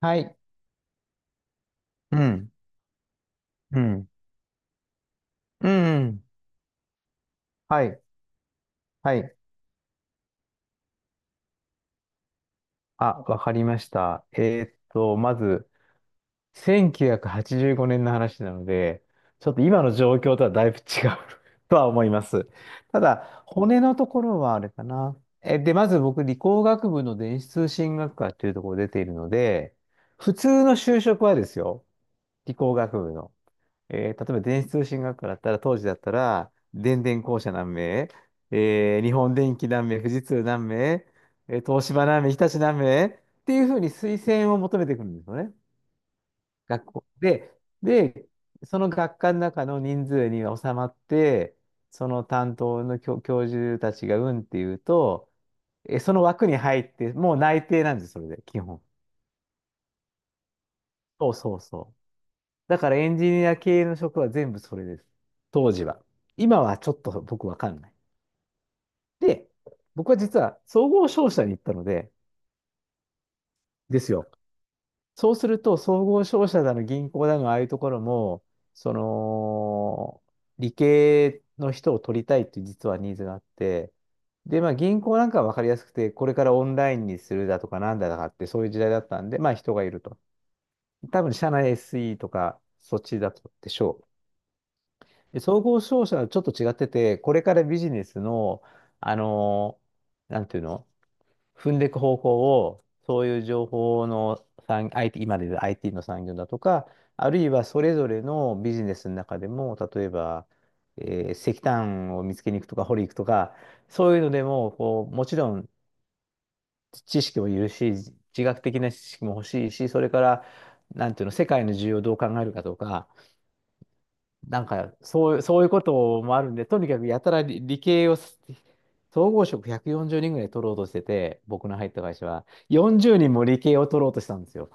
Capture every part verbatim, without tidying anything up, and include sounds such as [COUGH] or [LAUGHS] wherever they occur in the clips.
はい。うん、うん、うん。はい、はい。あ、わかりました。えーっと、まず、せんきゅうひゃくはちじゅうごねんの話なので、ちょっと今の状況とはだいぶ違う [LAUGHS] とは思います。ただ、骨のところはあれかな。え、で、まず僕、理工学部の電子通信学科というところ出ているので、普通の就職はですよ。理工学部の。えー例えば電子通信学科だったら、当時だったら、電電公社何名、えー日本電機何名、富士通何名、えー東芝何名、日立何名っていうふうに推薦を求めていくるんですよね。学校で、で、その学科の中の人数に収まって、その担当の教、教授たちがうんっていうと、えその枠に入って、もう内定なんです、それで、基本。そうそうそう。だからエンジニア系の職は全部それです。当時は。今はちょっと僕わかんない。で、僕は実は総合商社に行ったので、ですよ。そうすると、総合商社だの銀行だの、ああいうところも、その、理系の人を取りたいっていう実はニーズがあって、で、まあ銀行なんかはわかりやすくて、これからオンラインにするだとかなんだとかって、そういう時代だったんで、まあ人がいると。多分社内 エスイー とか、そっちだったでしょう。で総合商社はちょっと違ってて、これからビジネスの、あのーなんていうの、踏んでいく方向を、そういう情報の産、アイティー、今で言う アイティー の産業だとか、あるいはそれぞれのビジネスの中でも、例えば、えー石炭を見つけに行くとか、掘り行くとか、そういうのでも、こう、もちろん知識もいるし、自学的な知識も欲しいし、それから、なんていうの、世界の需要をどう考えるかとか、なんか、そう、そういうこともあるんで、とにかくやたら理、理系をす、総合職ひゃくよんじゅうにんぐらい取ろうとしてて、僕の入った会社は、よんじゅうにんも理系を取ろうとしたんですよ。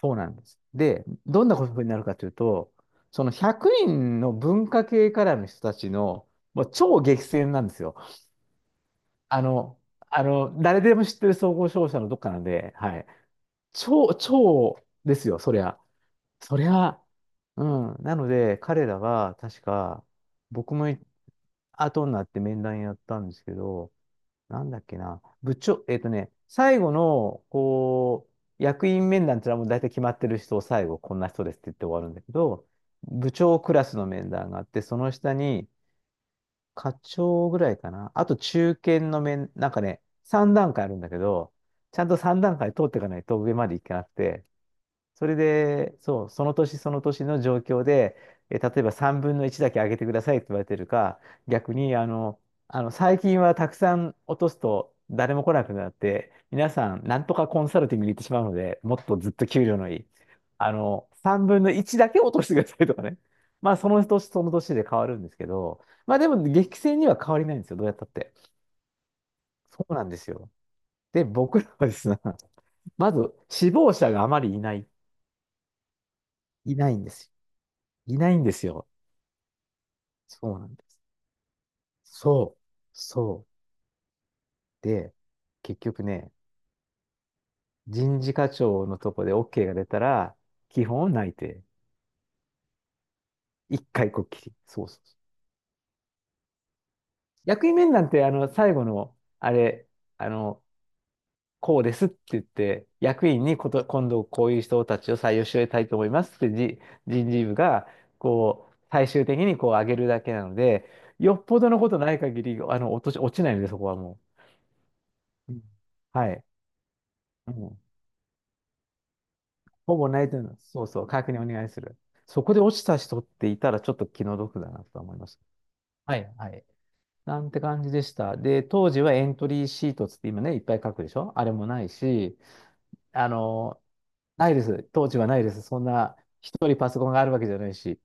そうなんです。で、どんなことになるかというと、そのひゃくにんの文化系からの人たちの、もう超激戦なんですよ。あの、あの、誰でも知ってる総合商社のどっかなんで、はい。超、超ですよ、そりゃ。そりゃ、うん。なので、彼らは、確か、僕もい後になって面談やったんですけど、なんだっけな、部長、えっとね、最後の、こう、役員面談ってのはもう大体決まってる人を最後、こんな人ですって言って終わるんだけど、部長クラスの面談があって、その下に課長ぐらいかな、あと中堅の面、なんかね、さん段階あるんだけど、ちゃんとさん段階通っていかないと上までいけなくて、それで、そう、その年その年の状況で、えー例えばさんぶんのいちだけ上げてくださいって言われてるか、逆に、あの、あの最近はたくさん落とすと誰も来なくなって、皆さん、なんとかコンサルティングに行ってしまうので、もっとずっと給料のいい。あの、さんぶんのいちだけ落としてくださいとかね。[LAUGHS] まあ、その年その年で変わるんですけど、まあ、でも、激戦には変わりないんですよ、どうやったって。そうなんですよ。で、僕らはですね、[LAUGHS] まず、死亡者があまりいない、いないんですよ。いないんですよ。そうなんです。そう、そう。で、結局ね、人事課長のとこで OK が出たら、基本内定。一回こっきり。そうそうそう。役員面談って、あの、最後の、あれ、あの、こうですって言って、役員にこと、今度こういう人たちを採用してたいと思いますってじ、人事部が、こう、最終的にこう上げるだけなので、よっぽどのことない限り、あの、落とし、落ちないので、そこはもう。うんはい。うんほぼないといます。そうそう、確認お願いする。そこで落ちた人っていたらちょっと気の毒だなと思いました。はい、はい。なんて感じでした。で、当時はエントリーシートつって今ね、いっぱい書くでしょあれもないし、あの、ないです。当時はないです。そんな、一人パソコンがあるわけじゃないし。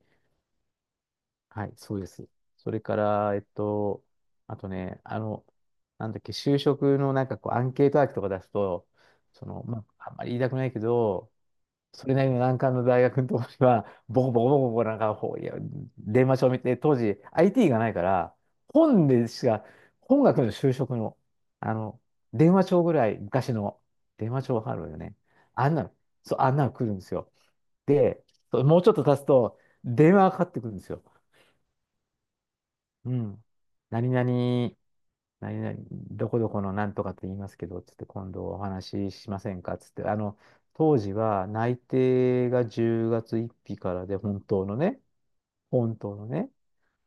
はい、そうです。それから、えっと、あとね、あの、なんだっけ、就職のなんかこう、アンケートワークとか出すと、その、まあ、あんまり言いたくないけど、それなりの難関の大学のところには、[LAUGHS] ボコボコボコボコなんか、ほういや、電話帳見て、当時 アイティー がないから、本でしか、本学の就職の、あの、電話帳ぐらい、昔の電話帳わかるよね。あんなの、そう、あんなの来るんですよ。で、そうもうちょっと経つと、電話がかかってくるんですよ。うん。何々、何々、どこどこのなんとかって言いますけど、つって今度お話ししませんかつって、あの、当時は内定がじゅうがつついたちからで、本当のね、本当のね。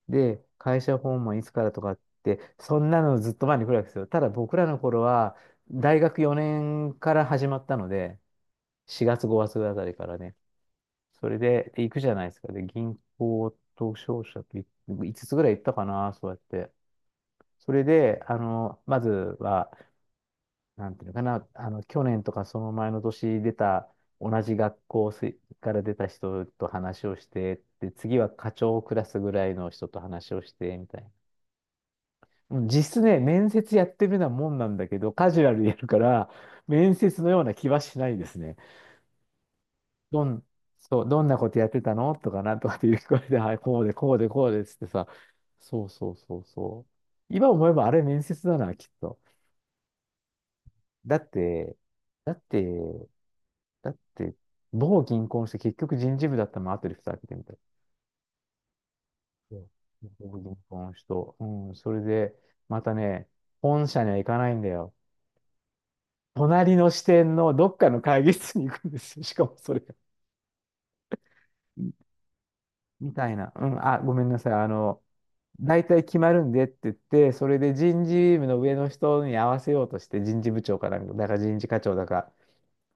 で、会社訪問いつからとかって、そんなのずっと前に来るわけですよ。ただ僕らの頃は、大学よねんから始まったので、しがつごがつあたりからね。それで、で行くじゃないですか。で、銀行と商社といつつつぐらい行ったかな、そうやって。それで、あの、まずは、なんていうのかな、あの、去年とかその前の年出た、同じ学校せから出た人と話をして、で、次は課長クラスぐらいの人と話をして、みたいな。うん実質ね、面接やってるようなもんなんだけど、カジュアルでやるから、面接のような気はしないですね。どん、そう、どんなことやってたのとかなんとかっていう声で、はい、こうで、こうで、こうでっつってさ、そうそうそうそう。今思えばあれ面接だな、きっと。だって、だって、だって、某銀行の人、結局人事部だったのも後で蓋開けてみたら。そう某銀行の人。うん、それで、またね、本社には行かないんだよ。隣の支店のどっかの会議室に行くんですよ。[LAUGHS] しかもそれが。みたいな。うん、あ、ごめんなさい。あの、大体決まるんでって言って、それで人事部の上の人に合わせようとして、人事部長かなんか、だから人事課長だか、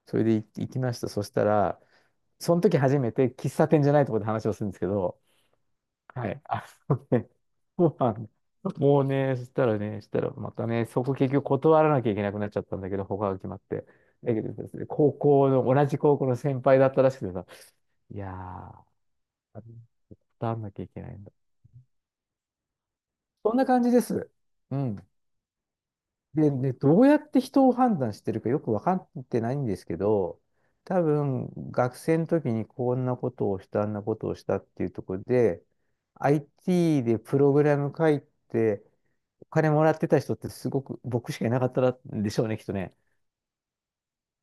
それで行行きました。そしたら、その時初めて喫茶店じゃないところで話をするんですけど、はい。あのね、[LAUGHS] そうなんだもうね、そしたらね、そしたらまたね、そこ結局断らなきゃいけなくなっちゃったんだけど、他が決まって。だけどですね、高校の、同じ高校の先輩だったらしくてさ、いやー、断らなきゃいけないんだ。そんな感じです。うん。で、で、どうやって人を判断してるかよく分かってないんですけど、多分、学生の時にこんなことをした、あんなことをしたっていうところで、アイティー でプログラム書いて、金もらってた人ってすごく僕しかいなかったんでしょうね、きっとね。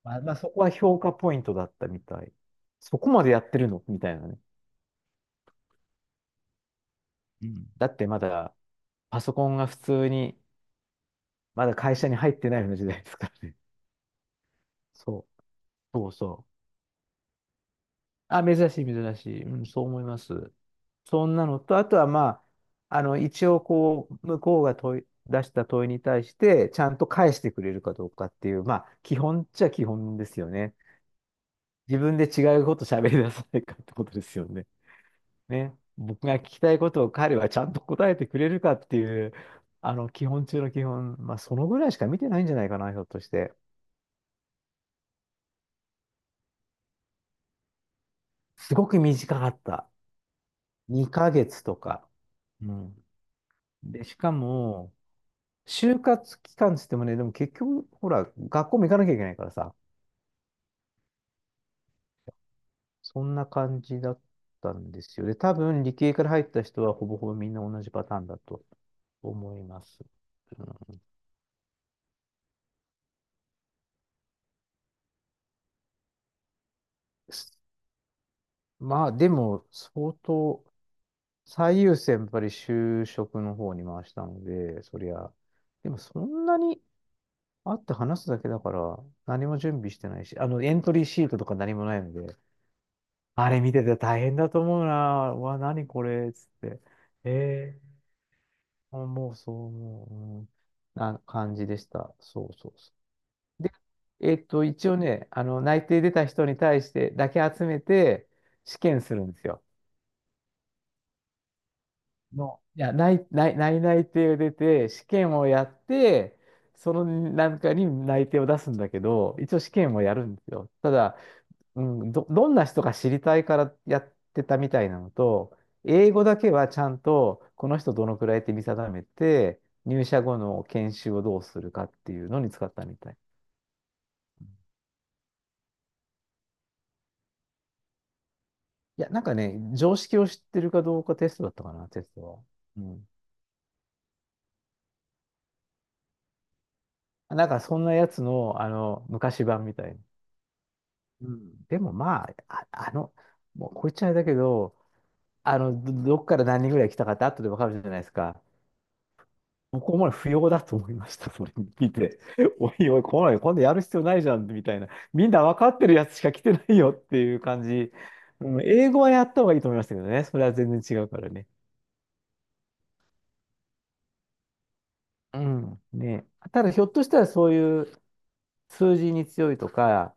まあ、まあ、そこは評価ポイントだったみたい。そこまでやってるのみたいなね。うん。だってまだパソコンが普通に、まだ会社に入ってないような時代ですからね。そう、そうそう。あ、珍しい、珍しい。うん、そう思います。そんなのと、あとはまあ、あの、一応こう、向こうが問い、出した問いに対して、ちゃんと返してくれるかどうかっていう、まあ、基本っちゃ基本ですよね。自分で違うこと喋り出さないかってことですよね。ね。僕が聞きたいことを彼はちゃんと答えてくれるかっていう、あの、基本中の基本、まあ、そのぐらいしか見てないんじゃないかな、ひょっとして。すごく短かった。にかげつとか。うん。で、しかも、就活期間つってもね、でも結局、ほら、学校も行かなきゃいけないからさ、そんな感じだったんですよ。で、多分、理系から入った人はほぼほぼみんな同じパターンだと思います。うんまあでも、相当、最優先やっぱり就職の方に回したので、そりゃ、でもそんなに会って話すだけだから、何も準備してないし、あの、エントリーシートとか何もないので、あれ見てて大変だと思うな、うわ、何これ、つって、えー、あもうそう思う、うん、な感じでした。そうそうそう。で、えっと、一応ね、あの、内定出た人に対してだけ集めて試験するんですよ。の、いや、内、内、内内定を出て、試験をやって、そのなんかに内定を出すんだけど、一応試験をやるんですよ。ただ、うん、ど、どんな人か知りたいからやってたみたいなのと、英語だけはちゃんと、この人どのくらいって見定めて、入社後の研修をどうするかっていうのに使ったみたい。いや、なんかね、常識を知ってるかどうかテストだったかな、テストは。うん。なんかそんなやつの、あの、昔版みたいな。うん、でもまあ、あ、あの、もうこいつあれだけど、あの、どどっから何人ぐらい来たかって後でわかるじゃないですか。僕も不要だと思いました、それ見て。[LAUGHS] おいおい、来ない、今度やる必要ないじゃん、みたいな。みんな分かってるやつしか来てないよっていう感じ。うん、英語はやった方がいいと思いましたけどね。それは全然違うからね。うん、ね。ただ、ひょっとしたらそういう数字に強いとか、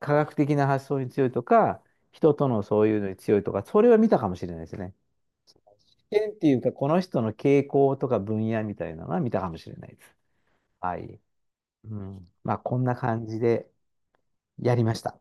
科学的な発想に強いとか、人とのそういうのに強いとか、それは見たかもしれないですね。見っていうか、この人の傾向とか分野みたいなのは見たかもしれないです。はい。うん。まあ、こんな感じでやりました。